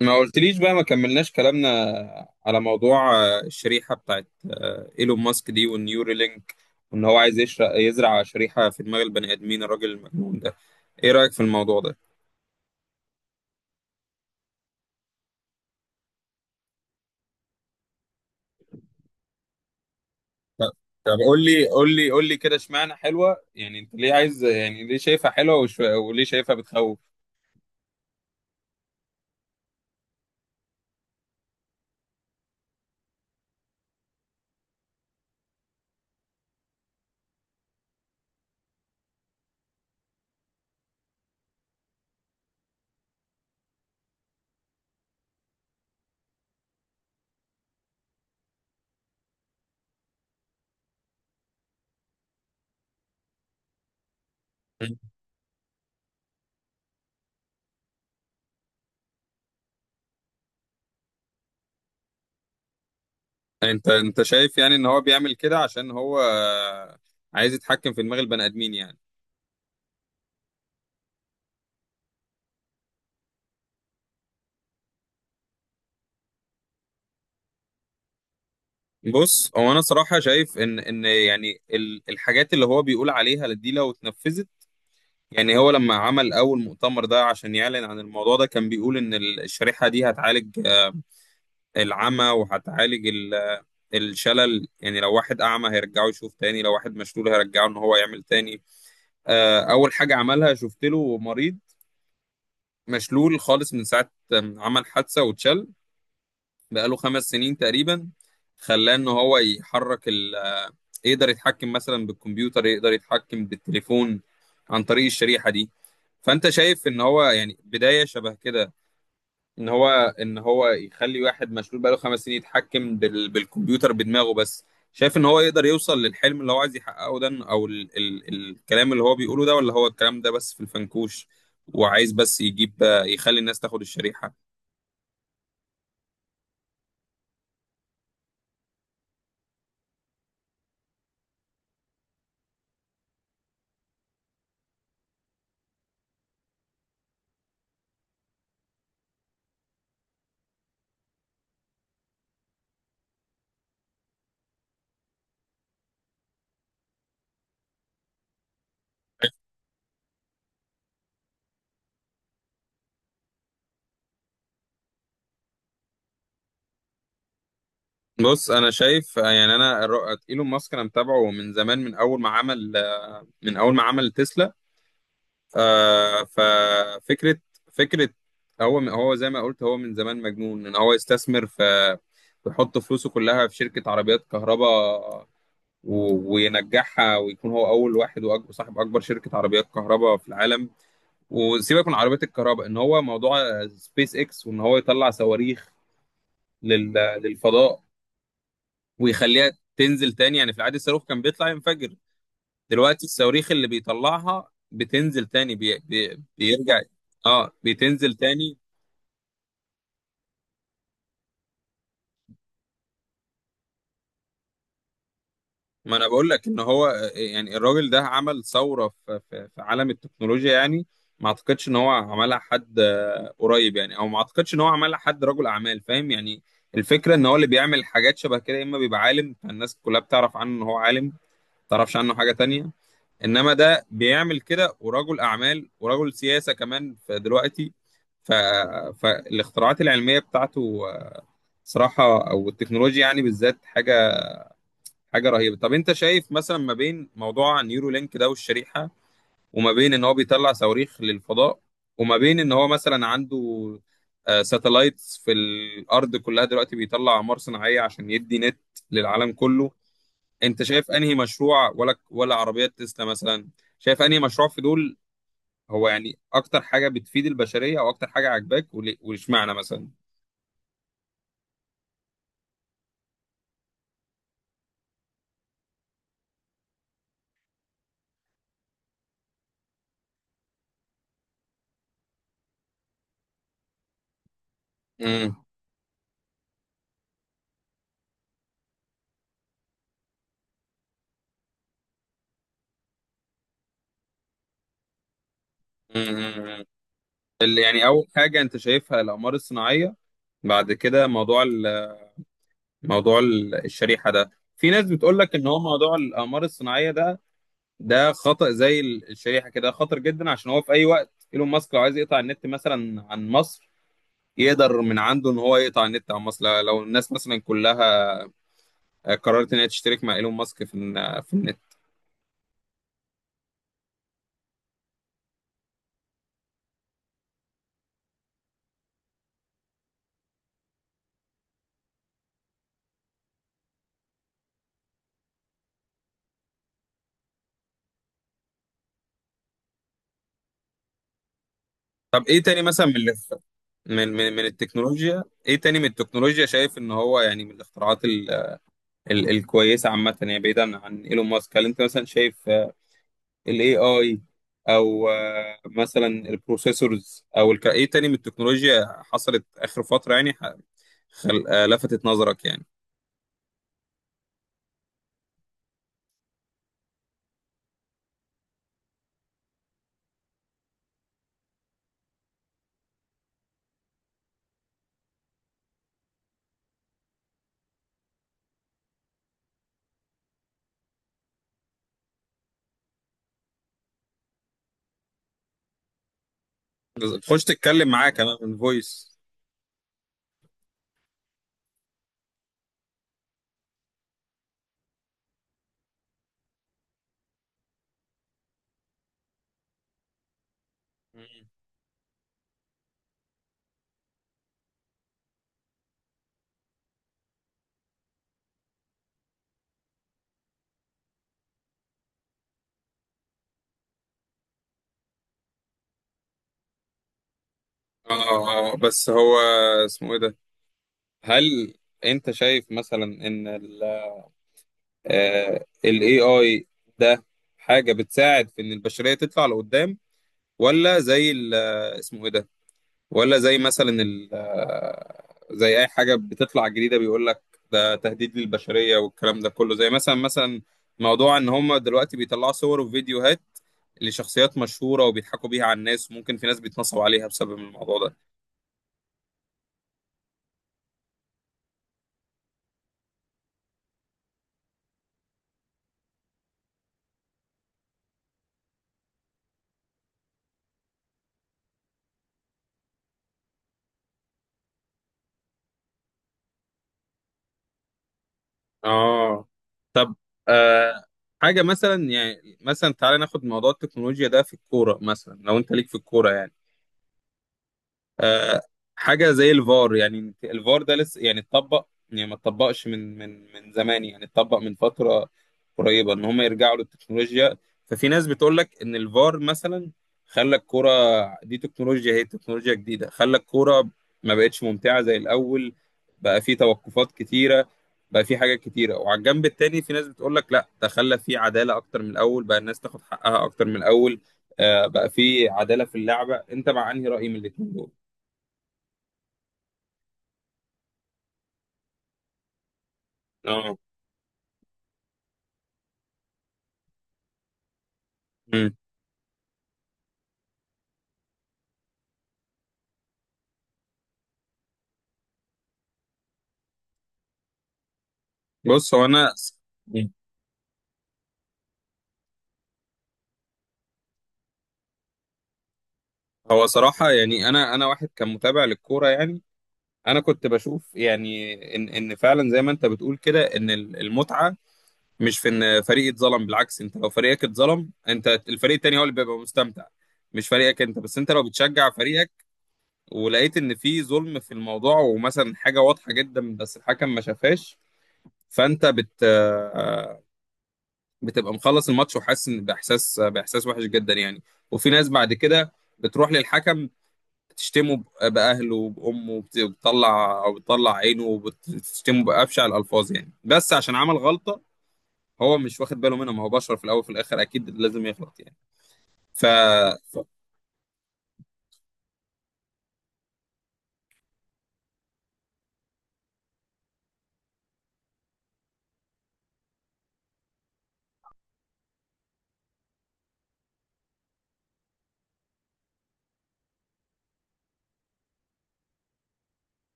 ما قلتليش بقى، ما كملناش كلامنا على موضوع الشريحة بتاعت إيلون ماسك دي والنيورالينك، وإن هو عايز يشرق يزرع شريحة في دماغ البني آدمين، الراجل المجنون ده. إيه رأيك في الموضوع ده؟ طب طب قول لي كده، اشمعنى حلوة؟ يعني أنت ليه عايز، يعني ليه شايفها حلوة وليه شايفها بتخوف؟ مم. أنت شايف يعني إن هو بيعمل كده عشان هو عايز يتحكم في دماغ البني آدمين يعني. بص، هو انا صراحه شايف ان يعني الحاجات اللي هو بيقول عليها دي لو اتنفذت. يعني هو لما عمل اول مؤتمر ده عشان يعلن عن الموضوع ده، كان بيقول ان الشريحه دي هتعالج العمى، وهتعالج الشلل. يعني لو واحد اعمى هيرجعه يشوف تاني، لو واحد مشلول هيرجعه ان هو يعمل تاني. اول حاجه عملها، شفت له مريض مشلول خالص من ساعه ما عمل حادثه واتشل، بقاله خمس سنين تقريبا، خلاه ان هو يحرك، يقدر يتحكم مثلا بالكمبيوتر، يقدر يتحكم بالتليفون عن طريق الشريحة دي. فأنت شايف إن هو يعني بداية شبه كده، إن هو إن هو يخلي واحد مشلول بقاله خمس سنين يتحكم بالكمبيوتر بدماغه بس؟ شايف إن هو يقدر يوصل للحلم اللي هو عايز يحققه ده، أو الكلام اللي هو بيقوله ده، ولا هو الكلام ده بس في الفنكوش وعايز بس يجيب، يخلي الناس تاخد الشريحة؟ بص، انا شايف يعني، انا ايلون ماسك انا متابعه من زمان، من اول ما عمل، من اول ما عمل تسلا. آه، ففكرة فكرة هو هو زي ما قلت، هو من زمان مجنون ان هو يستثمر في، يحط فلوسه كلها في شركة عربيات كهرباء، وينجحها ويكون هو أول واحد وصاحب أكبر شركة عربيات كهرباء في العالم. وسيبك من عربيات الكهرباء، إن هو موضوع سبيس إكس وإن هو يطلع صواريخ لل- للفضاء ويخليها تنزل تاني. يعني في العادي الصاروخ كان بيطلع ينفجر، دلوقتي الصواريخ اللي بيطلعها بتنزل تاني، بيرجع. اه، بتنزل تاني. ما انا بقول لك ان هو يعني الراجل ده عمل ثورة في عالم التكنولوجيا يعني. ما اعتقدش ان هو عملها حد قريب يعني، او ما اعتقدش ان هو عملها حد رجل اعمال، فاهم يعني. الفكرة ان هو اللي بيعمل حاجات شبه كده يا اما بيبقى عالم، فالناس كلها بتعرف عنه ان هو عالم، ما تعرفش عنه حاجة تانية. انما ده بيعمل كده ورجل اعمال ورجل سياسه كمان، فدلوقتي، ف... فالاختراعات العلميه بتاعته صراحه، او التكنولوجيا يعني بالذات، حاجه رهيبه. طب انت شايف مثلا ما بين موضوع نيورو لينك ده والشريحه، وما بين ان هو بيطلع صواريخ للفضاء، وما بين ان هو مثلا عنده ساتلايتس في الارض كلها، دلوقتي بيطلع اقمار صناعيه عشان يدي نت للعالم كله، انت شايف انهي مشروع، ولا عربيات تسلا مثلا؟ شايف انهي مشروع في دول هو يعني اكتر حاجه بتفيد البشريه، او اكتر حاجه عاجباك، واشمعنى مثلا؟ امم. امم. اللي يعني اول حاجه انت شايفها الاقمار الصناعيه، بعد كده موضوع موضوع الشريحه ده. في ناس بتقول لك ان هو موضوع الاقمار الصناعيه ده، ده خطأ، زي الشريحه كده، خطر جدا، عشان هو في اي وقت ايلون ماسك لو عايز يقطع النت مثلا عن مصر، يقدر من عنده ان هو يقطع النت عن مصر، لو الناس مثلا كلها قررت ان هي تشترك مع ايلون ماسك في في النت. طب ايه تاني مثلا من من التكنولوجيا، ايه تاني من التكنولوجيا شايف ان هو يعني من الاختراعات ال، ال الكويسه عامه، يعني بعيدا عن ايلون ماسك، هل انت مثلا شايف الاي اي، او مثلا البروسيسورز، او ايه تاني من التكنولوجيا حصلت اخر فتره يعني ح- خل... آه، لفتت نظرك يعني؟ تخش تتكلم معاه كمان من فويس. اه، بس هو اسمه ايه ده؟ هل انت شايف مثلا ان ال، ال AI ده حاجة بتساعد في ان البشرية تطلع لقدام، ولا زي اسمه ايه ده، ولا زي مثلا زي اي حاجة بتطلع جديدة بيقول لك ده تهديد للبشرية؟ والكلام ده كله، زي مثلا، مثلا موضوع ان هم دلوقتي بيطلعوا صور وفيديوهات لشخصيات مشهورة وبيضحكوا بيها على الناس، وممكن في ناس بيتنصب عليها بسبب الموضوع ده. اه. طب، آه، حاجة مثلا، يعني مثلا تعالى ناخد موضوع التكنولوجيا ده في الكورة مثلا، لو انت ليك في الكورة يعني. آه، حاجه زي الفار، يعني الفار ده لسه يعني اتطبق، يعني ما اتطبقش من زمان، يعني اتطبق من فتره قريبه، ان هم يرجعوا للتكنولوجيا. ففي ناس بتقول لك ان الفار مثلا خلى الكوره دي، تكنولوجيا هي تكنولوجيا جديده، خلى الكوره ما بقتش ممتعه زي الاول، بقى في توقفات كتيره، بقى في حاجات كتيره. وعلى الجنب التاني في ناس بتقول لك لا، ده خلى في عداله اكتر من الاول، بقى الناس تاخد حقها اكتر من الاول، بقى في عداله في اللعبه. انت مع انهي راي من الاتنين دول؟ اه. مم. بص، هو انا، مم. هو صراحه يعني، انا واحد كان متابع للكوره يعني. انا كنت بشوف يعني ان فعلا زي ما انت بتقول كده، ان المتعه مش في ان فريق اتظلم. بالعكس، انت لو فريقك اتظلم، انت الفريق التاني هو اللي بيبقى مستمتع، مش فريقك انت. بس انت لو بتشجع فريقك ولقيت ان في ظلم في الموضوع، ومثلا حاجه واضحه جدا بس الحكم ما شافهاش، فانت بت بتبقى مخلص الماتش وحاسس ان، باحساس وحش جدا يعني. وفي ناس بعد كده بتروح للحكم تشتمه باهله وبامه، وبتطلع، او بتطلع عينه وبتشتمه بابشع الالفاظ يعني، بس عشان عمل غلطه هو مش واخد باله منها. ما هو بشر في الاول وفي الاخر، اكيد لازم يغلط يعني. ف ف-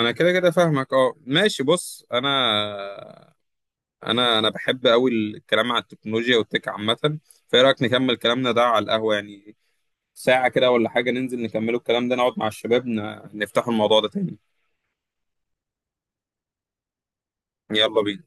انا كده كده فاهمك. اه، ماشي. بص، انا انا بحب قوي الكلام على التكنولوجيا والتك عامه. فايه رايك نكمل كلامنا ده على القهوه يعني، ساعة كده ولا حاجة، ننزل نكملوا الكلام ده، نقعد مع الشباب، نفتحوا الموضوع ده تاني؟ يلا بينا.